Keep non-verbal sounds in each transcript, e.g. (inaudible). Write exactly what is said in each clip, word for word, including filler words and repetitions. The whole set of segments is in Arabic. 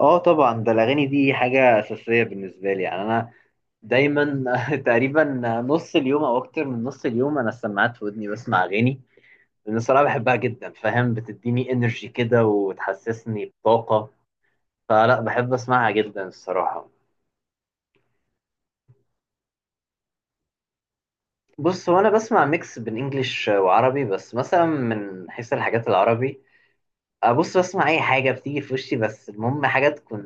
اه، طبعا. ده الاغاني دي حاجه اساسيه بالنسبه لي، يعني انا دايما (laughs) تقريبا نص اليوم او اكتر من نص اليوم انا السماعات في ودني بسمع اغاني، لان الصراحه بحبها جدا، فاهم؟ بتديني انرجي كده وتحسسني بطاقه، فلا بحب اسمعها جدا الصراحه. بص، هو انا بسمع ميكس بين انجليش وعربي، بس مثلا من حيث الحاجات العربي ابص بسمع اي حاجه بتيجي في وشي، بس المهم حاجه تكون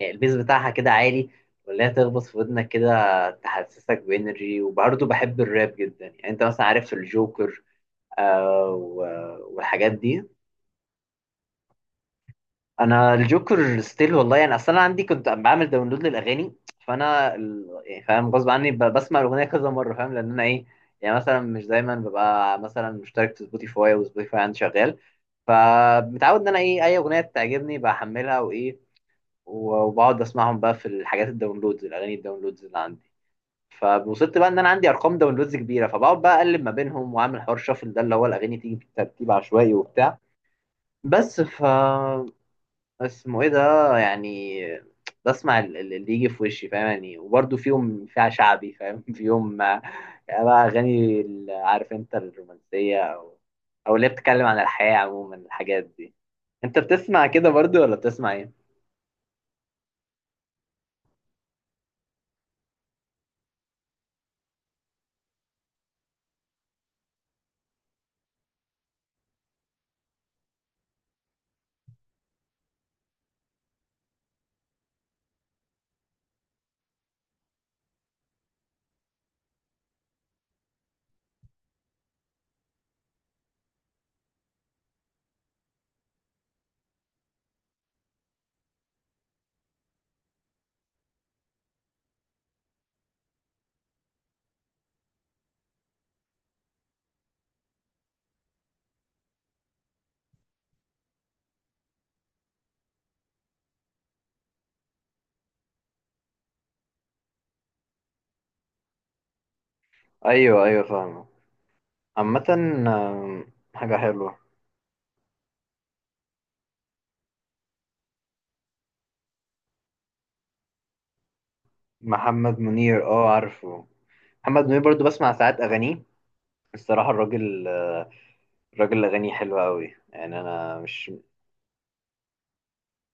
يعني البيز بتاعها كده عالي، ولا هي تخبط في ودنك كده تحسسك بانرجي، وبرضه بحب الراب جدا، يعني انت مثلا عارف الجوكر؟ آه و- والحاجات دي. انا الجوكر ستيل والله، يعني اصلا انا عندي كنت بعمل داونلود للاغاني، فانا ال- يعني فاهم غصب عني ب- بسمع الاغنيه كذا مره، فاهم؟ لان انا ايه، يعني مثلا مش دايما ببقى مثلا مشترك في سبوتيفاي، وسبوتيفاي عندي شغال، فمتعود ان انا ايه اي اغنيه تعجبني بحملها وايه، وبقعد اسمعهم بقى في الحاجات الداونلودز الاغاني الداونلودز اللي عندي، فوصلت بقى ان انا عندي ارقام داونلودز كبيره، فبقعد بقى اقلب ما بينهم واعمل حوار شافل، ده اللي هو الاغاني تيجي في ترتيب عشوائي وبتاع، بس ف اسمه ايه ده، يعني بسمع ال- ال- اللي يجي في وشي فاهم يعني، وبرده فيهم فيها شعبي فاهم (laughs) فيهم آه، يعني بقى اغاني ال- عارف انت الرومانسيه او او اللي هي بتتكلم عن الحياه عموما الحاجات دي. انت بتسمع كده برضو ولا بتسمع ايه؟ ايوه، ايوه، فاهم. عامة آم، حاجة حلوة. محمد منير، اه عارفه. محمد منير برضو بسمع ساعات أغانيه الصراحة. الراجل آه، الراجل أغانيه حلوة أوي، يعني أنا مش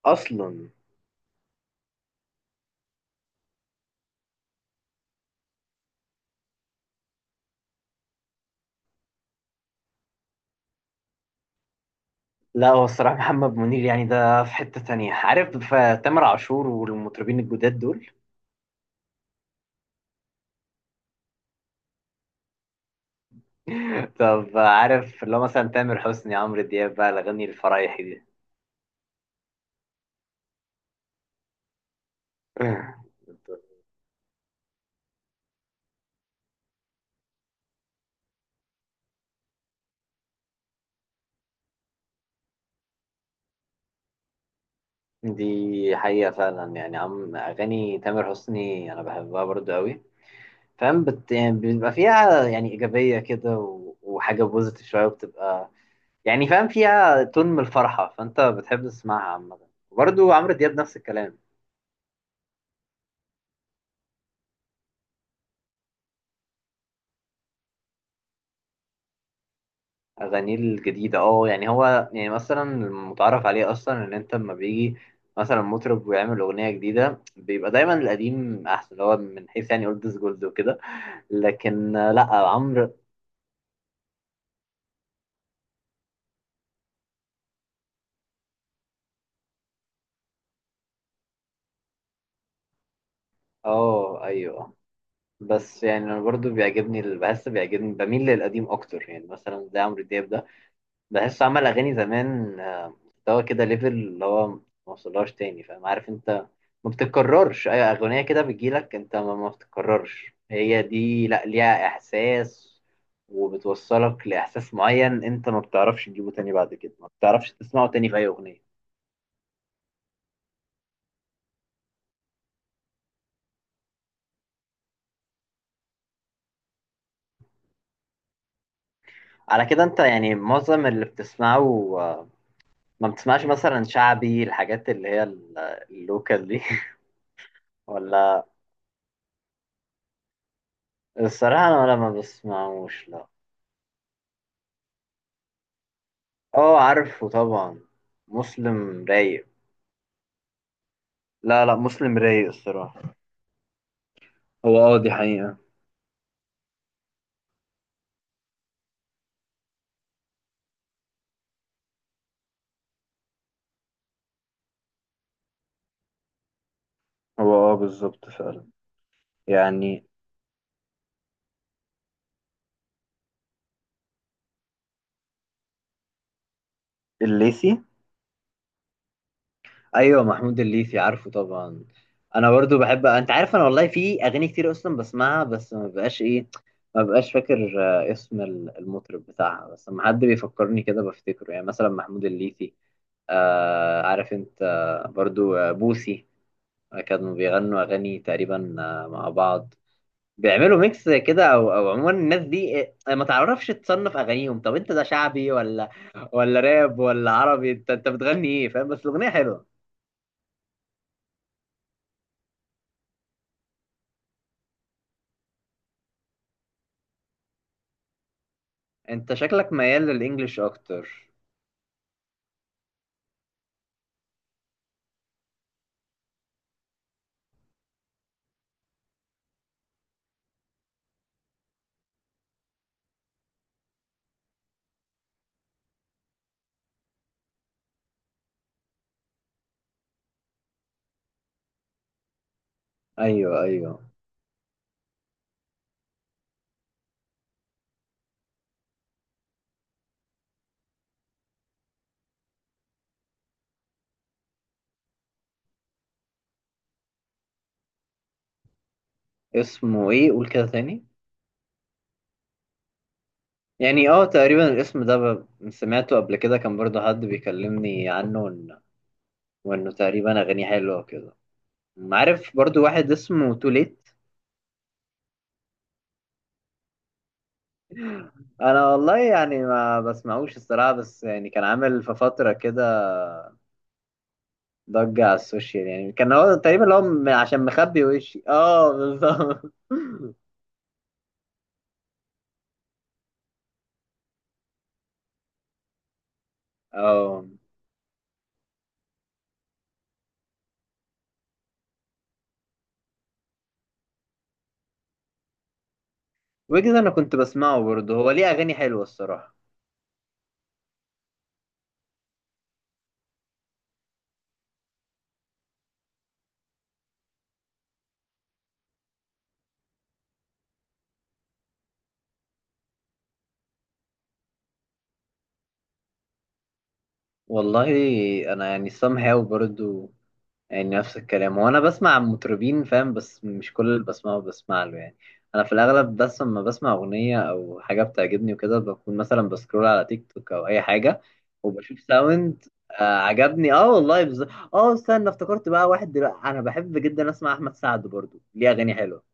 أصلا. لا، هو الصراحة محمد منير يعني ده في حتة تانية، عارف؟ فتامر عاشور والمطربين الجداد دول. (laughs) طب، عارف اللي هو مثلا تامر حسني عمرو دياب بقى الأغاني الفرايحي دي. (laughs) دي حقيقة فعلا، يعني عم أغاني تامر حسني أنا بحبها برضو أوي، فاهم بت... يعني بيبقى فيها يعني إيجابية كده و... وحاجة بوزيتيف شوية، وبتبقى يعني فاهم فيها تون من الفرحة، فأنت بتحب تسمعها عامة، وبرضه عمرو دياب نفس الكلام. أغانيه الجديدة اه، يعني هو يعني مثلا المتعارف عليه أصلا إن أنت لما بيجي مثلا مطرب ويعمل أغنية جديدة بيبقى دايما القديم أحسن، اللي هو من حيث يعني أولد جولد وكده، لكن آه، لأ عمرو. اه، أيوه. بس يعني أنا برضه بيعجبني، بحس بيعجبني بميل للقديم أكتر، يعني مثلا زي عمرو دياب ده، بحس عمل اغاني زمان آه، مستوى كده ليفل اللي هو ما وصلهاش تاني، فاهم عارف انت؟ ما بتتكررش اي اغنيه كده بتجيلك انت، ما ما بتتكررش هي دي، لا ليها احساس وبتوصلك لاحساس معين انت ما بتعرفش تجيبه تاني بعد كده، ما بتعرفش تسمعه تاني في اي اغنيه. على كده انت يعني معظم اللي بتسمعه آه، ما بتسمعش مثلا شعبي الحاجات اللي هي ال- اللوكال دي؟ (laughs) ولا الصراحه انا ولا ما بسمعوش، لا. اه عارفه طبعا. مسلم رايق. لا لا، مسلم رايق الصراحة. هو اه دي حقيقة. هو اه بالظبط فعلا، يعني. الليثي. ايوه، محمود الليثي عارفه طبعا. انا برضو بحب، انت عارف انا والله في اغاني كتير اصلا بسمعها، بس ما بقاش ايه، ما بقاش فاكر آه، اسم ال- المطرب بتاعها، بس لما حد بيفكرني كده بفتكره، يعني مثلا محمود الليثي، آه عارف انت، آه، برضو آه، بوسي، آه، كانوا بيغنوا اغاني تقريبا آه، مع بعض بيعملوا ميكس كده او او عموما الناس دي، آه، ما تعرفش تصنف اغانيهم، طب انت ده شعبي ولا ولا راب ولا عربي، انت انت بتغني ايه؟ فاهم، بس الاغنيه حلوه. انت شكلك ميال للانجليش اكتر. ايوه، ايوه. اسمه ايه؟ قول كده تاني. يعني اه تقريبا الاسم ده ب- سمعته قبل كده، كان برضو حد بيكلمني عنه وإن- وانه تقريبا اغانيه حلوه وكده. عارف برضو واحد اسمه توليت. انا والله يعني ما بسمعوش الصراحه، بس يعني كان عامل في فتره كده ضجة على السوشيال، يعني كان هو تقريبا اللي هو م- عشان مخبي وشي، اه بالظبط. (laughs) اه ويجز، انا كنت بسمعه برضه، هو ليه اغاني حلوة الصراحة. والله انا يعني somehow برضه، يعني نفس الكلام، وانا بسمع عن مطربين فاهم، بس مش كل اللي بسمعه بسمع له يعني، انا في الاغلب بس لما بسمع اغنيه او حاجه بتعجبني وكده بكون مثلا بسكرول على تيك توك او اي حاجه وبشوف ساوند، آه عجبني، اه والله بز... اه استنى، افتكرت بقى واحد دلوقتي، انا بحب جدا اسمع احمد سعد، برضو ليه اغاني حلوه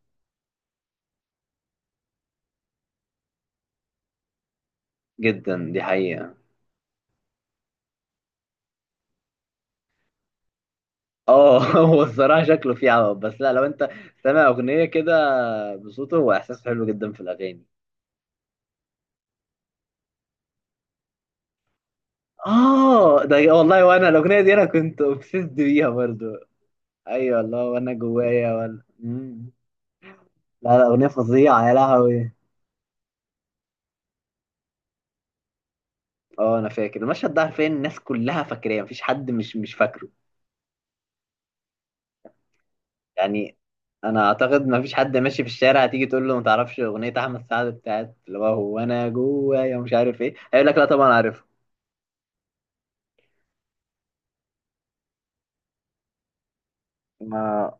جدا، دي حقيقه. اه (laughs) هو الصراحه شكله فيه عوض، بس لا لو انت سامع اغنيه كده بصوته، هو احساس حلو جدا في الاغاني. اه ده والله، وانا الاغنيه دي انا كنت اوبسيسد بيها برضو. ايوه والله، وانا جوايا، وانا مم. لا لا، اغنيه فظيعه يا لهوي. اه انا فاكر المشهد ده، عارفين الناس كلها فاكراه، مفيش حد مش مش فاكره. يعني انا اعتقد مفيش حد ماشي في الشارع هتيجي تقول له ما تعرفش اغنيه احمد سعد بتاعت اللي هو هو انا جوايا ومش عارف ايه، هيقول لك لا طبعا عارفها. ما،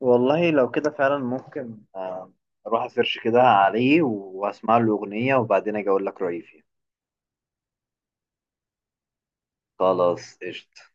والله لو كده فعلا ممكن آه، اروح اسيرش كده عليه واسمع له اغنيه وبعدين اجي اقول لك رايي فيه. خلاص قشطة.